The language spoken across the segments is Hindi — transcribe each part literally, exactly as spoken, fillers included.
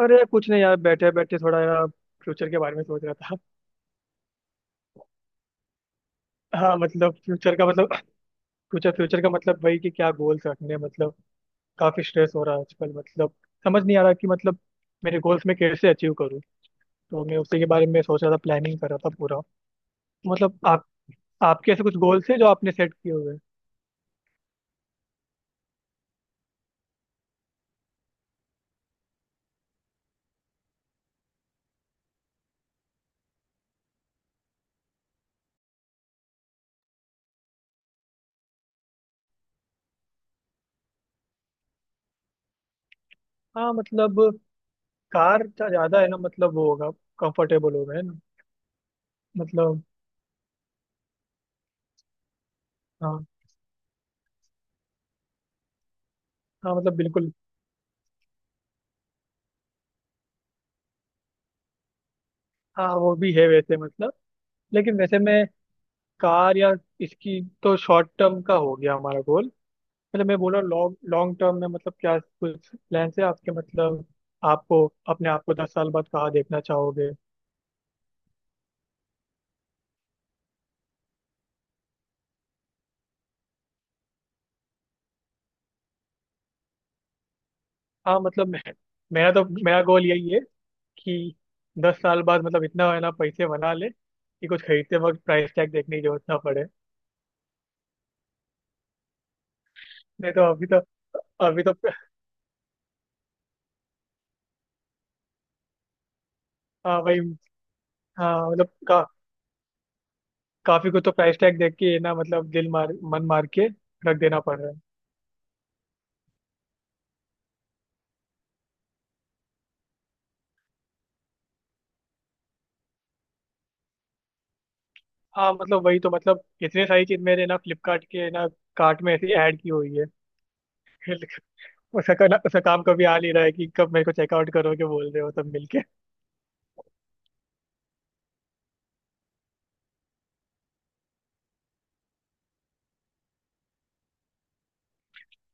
अरे कुछ नहीं यार बैठे बैठे थोड़ा यार फ्यूचर के बारे में सोच रहा था। हाँ मतलब फ्यूचर का मतलब फ्यूचर फ्यूचर का मतलब वही कि क्या गोल्स रखने हैं, मतलब काफी स्ट्रेस हो रहा है आजकल। मतलब समझ नहीं आ रहा कि मतलब मेरे गोल्स में कैसे अचीव करूँ। तो मैं उसी के बारे में सोच रहा था, प्लानिंग कर रहा था पूरा। तो मतलब आप आपके ऐसे कुछ गोल्स हैं जो आपने सेट किए हुए हैं? हाँ मतलब कार का ज्यादा है ना, मतलब वो होगा कंफर्टेबल होगा है ना। मतलब हाँ। हाँ मतलब बिल्कुल। हाँ वो भी है वैसे मतलब। लेकिन वैसे मैं कार या इसकी तो शॉर्ट टर्म का हो गया हमारा गोल। मतलब मैं बोल रहा हूँ लॉन्ग लॉन्ग टर्म में मतलब क्या कुछ प्लान है आपके मतलब? आपको अपने आप को दस साल बाद कहाँ देखना चाहोगे? हाँ मतलब मैं, मेरा तो मेरा गोल यही है कि दस साल बाद मतलब इतना है ना पैसे बना ले कि कुछ खरीदते वक्त प्राइस टैग देखने की जरूरत ना पड़े। नहीं तो अभी तो अभी तो हाँ भाई। हाँ मतलब का, काफी कुछ तो प्राइस टैग देख के ना मतलब दिल मार मन मार के रख देना पड़ रहा है। हाँ मतलब वही तो मतलब इतनी सारी चीज मेरे ना फ्लिपकार्ट के ना कार्ट में ऐसी ऐड की हुई है। उसका करना- उसका काम कभी आ नहीं रहा है कि कब मेरे को चेकआउट करोगे बोल रहे हो तब मिलके।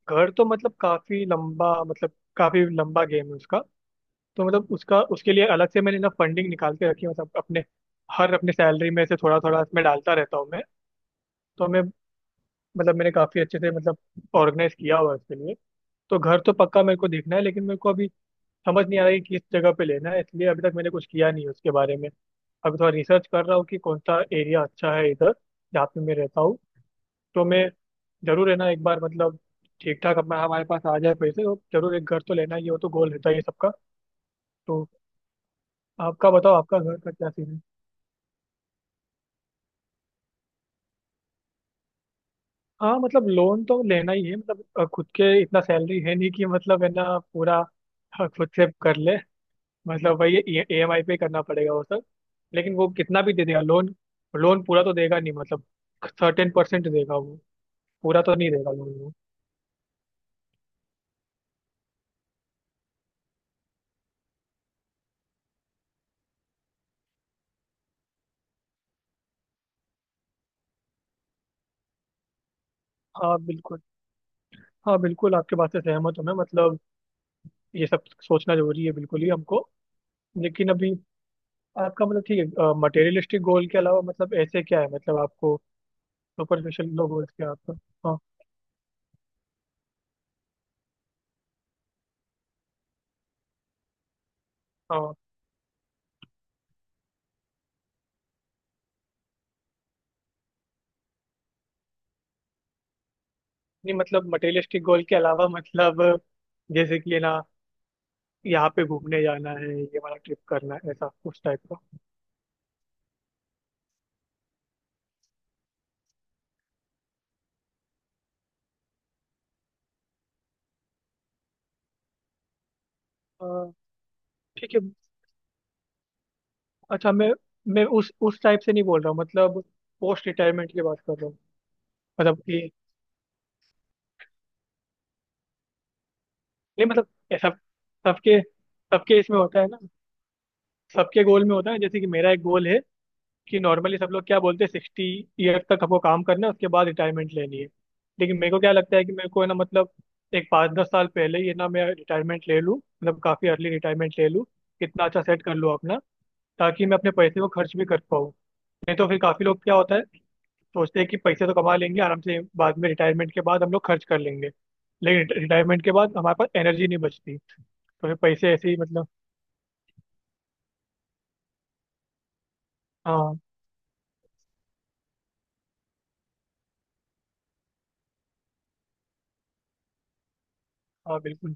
घर तो मतलब काफी लंबा मतलब काफी लंबा गेम है उसका। तो मतलब उसका उसके लिए अलग से मैंने ना फंडिंग निकाल के रखी है मतलब अपने हर अपने सैलरी में से थोड़ा थोड़ा इसमें डालता रहता हूँ मैं। तो मैं मतलब मैंने काफी अच्छे से मतलब ऑर्गेनाइज किया हुआ है उसके लिए। तो घर तो पक्का मेरे को देखना है लेकिन मेरे को अभी समझ नहीं आ रहा है कि किस जगह पे लेना है, इसलिए अभी तक मैंने कुछ किया नहीं है उसके बारे में। अभी थोड़ा रिसर्च कर रहा हूँ कि कौन सा एरिया अच्छा है इधर जहाँ पे मैं रहता हूँ। तो मैं जरूर है ना एक बार मतलब ठीक ठाक अपना हमारे पास आ जाए पैसे तो जरूर एक घर तो लेना ही है, वो तो गोल रहता है ये सबका। तो आपका बताओ आपका घर का क्या सीन है? हाँ मतलब लोन तो लेना ही है मतलब अ, खुद के इतना सैलरी है नहीं कि मतलब है ना पूरा अ, खुद से कर ले। मतलब वही ई एम आई पे करना पड़ेगा वो सब। लेकिन वो कितना भी दे देगा लोन, लोन पूरा तो देगा नहीं मतलब सर्टेन परसेंट देगा वो, पूरा तो नहीं देगा लोन वो। हाँ बिल्कुल। हाँ बिल्कुल आपके बात से सहमत हूँ मैं मतलब ये सब सोचना जरूरी है बिल्कुल ही हमको। लेकिन अभी आपका मतलब ठीक है मटेरियलिस्टिक गोल के अलावा मतलब ऐसे क्या है मतलब आपको सुपरफिशियल लो गोल्स क्या है आपका? हाँ हाँ। नहीं मतलब मटेरियलिस्टिक गोल के अलावा मतलब जैसे कि ना यहाँ पे घूमने जाना है, ये वाला ट्रिप करना है, ऐसा उस टाइप का। अ, ठीक है। अच्छा मैं मैं उस उस टाइप से नहीं बोल रहा हूँ मतलब पोस्ट रिटायरमेंट की बात कर रहा हूँ। मतलब कि नहीं मतलब ऐसा सबके सबके इसमें होता है ना, सबके गोल में होता है। जैसे कि मेरा एक गोल है कि नॉर्मली सब लोग क्या बोलते हैं सिक्सटी ईयर तक हमको काम करना है उसके बाद रिटायरमेंट लेनी है। लेकिन मेरे को क्या लगता है कि मेरे को है ना मतलब एक पाँच दस साल पहले ही है ना मैं रिटायरमेंट ले लूँ मतलब काफ़ी अर्ली रिटायरमेंट ले लूँ कितना अच्छा सेट कर लूँ अपना ताकि मैं अपने पैसे को खर्च भी कर पाऊँ। नहीं तो फिर काफ़ी लोग क्या होता है सोचते हैं कि पैसे तो कमा लेंगे आराम से बाद में रिटायरमेंट के बाद हम लोग खर्च कर लेंगे। लेकिन रिटायरमेंट के बाद हमारे पास एनर्जी नहीं बचती तो फिर पैसे ऐसे ही मतलब हाँ। हाँ बिल्कुल।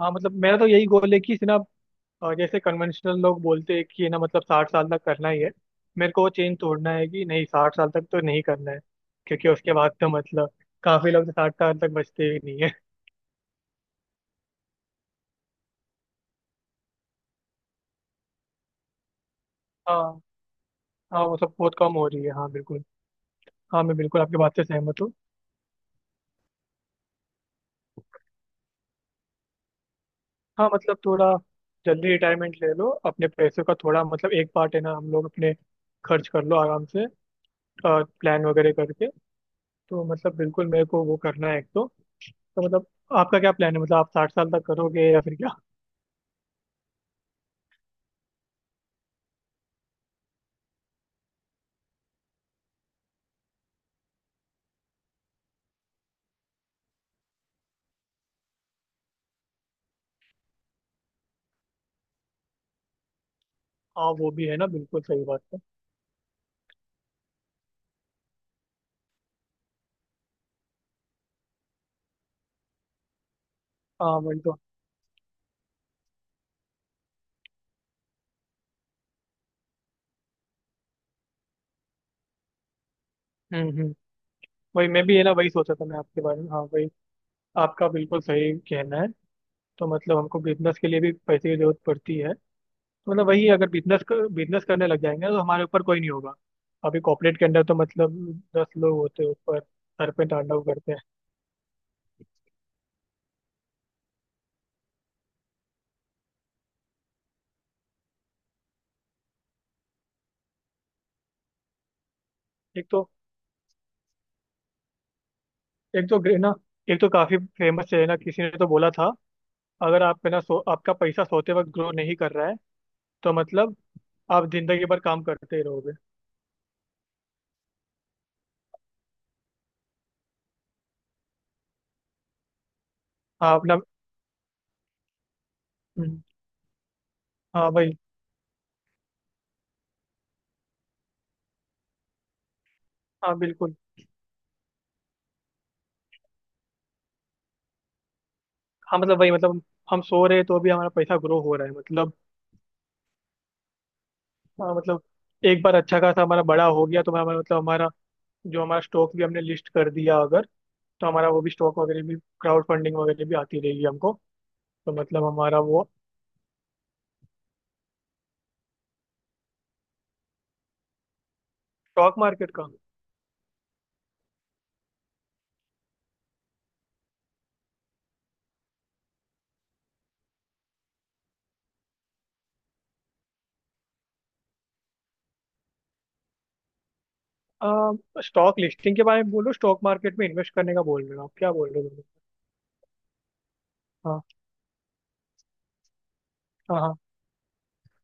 हाँ मतलब मेरा तो यही गोल है कि ना, और जैसे कन्वेंशनल लोग बोलते हैं कि ना मतलब साठ साल तक करना ही है। मेरे को वो चेंज तोड़ना है कि नहीं साठ साल तक तो नहीं करना है क्योंकि उसके बाद तो मतलब काफी लोग तो साठ साल तक बचते ही नहीं है। हाँ। हाँ वो सब बहुत कम हो रही है, हाँ बिल्कुल। हाँ मैं बिल्कुल आपकी बात से सहमत हूँ। हाँ मतलब थोड़ा जल्दी रिटायरमेंट ले लो अपने पैसों का थोड़ा मतलब एक पार्ट है ना हम लोग अपने खर्च कर लो आराम से प्लान वगैरह करके। तो मतलब बिल्कुल मेरे को वो करना है एक तो, तो मतलब आपका क्या प्लान है मतलब आप साठ साल तक करोगे या फिर क्या? हाँ वो भी है ना, बिल्कुल सही बात है। हाँ वही तो। हम्म हम्म। वही मैं भी है ना वही सोचा था मैं आपके बारे में हाँ वही आपका बिल्कुल सही कहना है। तो मतलब हमको बिजनेस के लिए भी पैसे की जरूरत पड़ती है तो मतलब वही अगर बिजनेस बिजनेस करने लग जाएंगे ना, तो हमारे ऊपर कोई नहीं होगा। अभी कॉर्पोरेट के अंदर तो मतलब दस लोग होते हैं ऊपर सर पे डांडा करते हैं। एक तो एक तो ग्रे- ना एक तो काफी फेमस है ना किसी ने तो बोला था अगर आप है ना सो, आपका पैसा सोते वक्त ग्रो नहीं कर रहा है तो मतलब आप जिंदगी भर काम करते ही रहोगे। हाँ अपना। हाँ भाई। हाँ बिल्कुल। हाँ मतलब वही मतलब हम सो रहे हैं तो भी हमारा पैसा ग्रो हो रहा है मतलब। हाँ मतलब एक बार अच्छा खासा हमारा बड़ा हो गया तो हमारा मतलब हमारा जो हमारा स्टॉक भी हमने लिस्ट कर दिया अगर तो हमारा वो भी स्टॉक वगैरह भी क्राउड फंडिंग वगैरह भी आती रहेगी हमको। तो मतलब हमारा वो स्टॉक मार्केट का आ, स्टॉक लिस्टिंग के बारे में बोलो, स्टॉक मार्केट में इन्वेस्ट करने का बोल रहे हो आप क्या बोल रहे हो तुम? हाँ हाँ हाँ।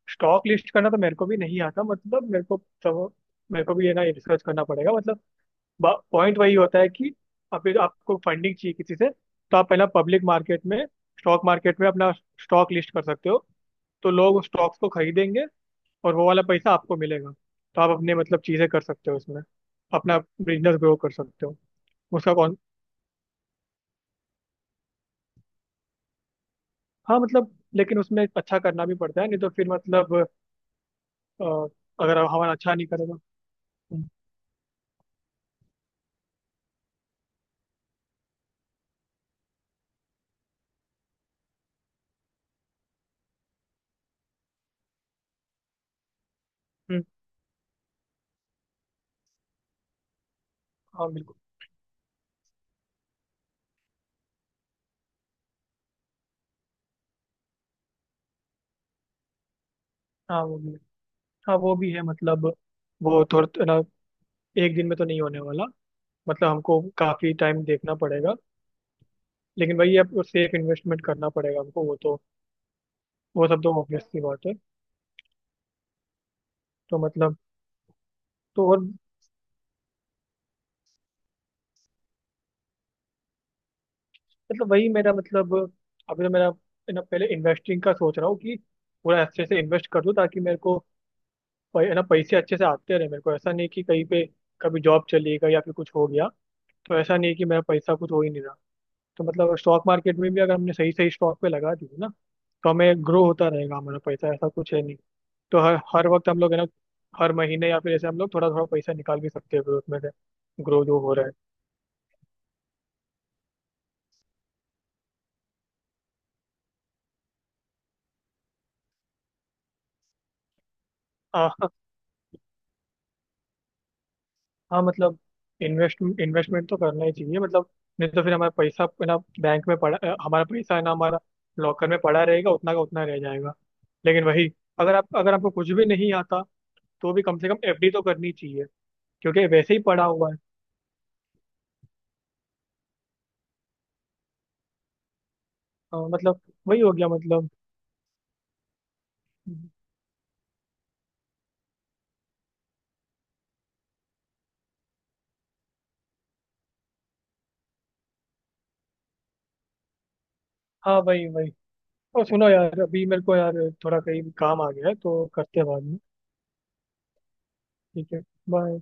स्टॉक लिस्ट करना तो मेरे को भी नहीं आता मतलब मेरे को। तो मेरे को भी ये ना रिसर्च करना पड़ेगा मतलब पॉइंट वही होता है कि आप आपको फंडिंग चाहिए किसी से, तो आप पहला पब्लिक मार्केट में स्टॉक मार्केट में अपना स्टॉक लिस्ट कर सकते हो। तो लोग स्टॉक्स को खरीदेंगे और वो वाला पैसा आपको मिलेगा तो आप अपने मतलब चीज़ें कर सकते हो उसमें, अपना बिजनेस ग्रो कर सकते हो। उसका कौन। हाँ मतलब लेकिन उसमें अच्छा करना भी पड़ता है, नहीं तो फिर मतलब अ, अगर हमारा अच्छा नहीं करेगा। हम्म, हम्म, हाँ बिल्कुल। हाँ वो भी है। हाँ वो भी है मतलब वो थोड़ा ना एक दिन में तो नहीं होने वाला मतलब हमको काफी टाइम देखना पड़ेगा। लेकिन भाई अब सेफ इन्वेस्टमेंट करना पड़ेगा हमको, वो तो वो सब तो ऑब्वियस सी बात है। तो मतलब तो और मतलब वही मेरा मतलब अभी तो मेरा है ना पहले इन्वेस्टिंग का सोच रहा हूँ कि पूरा अच्छे से इन्वेस्ट कर दूँ ताकि मेरे को पै- है ना पैसे अच्छे से आते रहे, मेरे को ऐसा नहीं कि कहीं पे कभी जॉब चली गई या फिर कुछ हो गया तो ऐसा नहीं कि मेरा पैसा कुछ हो ही नहीं रहा। तो मतलब स्टॉक मार्केट में भी अगर हमने सही सही स्टॉक पे लगा दिए ना तो हमें ग्रो होता रहेगा हमारा पैसा, ऐसा कुछ है नहीं। तो हर हर वक्त हम लोग है ना हर महीने या फिर ऐसे हम लोग थोड़ा थोड़ा पैसा निकाल भी सकते हैं ग्रोथ में से, ग्रो जो हो रहा है। हाँ, हाँ हाँ, मतलब इन्वेस्ट इन्वेस्टमेंट तो करना ही चाहिए मतलब नहीं तो फिर हमारा पैसा है ना बैंक में पड़ा अ, हमारा पैसा है ना हमारा लॉकर में पड़ा रहेगा उतना का उतना रह जाएगा। लेकिन वही अगर आप अगर आपको कुछ भी नहीं आता तो भी कम से कम एफडी तो करनी चाहिए क्योंकि वैसे ही पड़ा हुआ है। अ, मतलब वही हो गया मतलब हम्म। हाँ वही वही। और सुनो यार अभी मेरे को यार थोड़ा कहीं काम आ गया है तो करते हैं बाद में। ठीक है। बाय।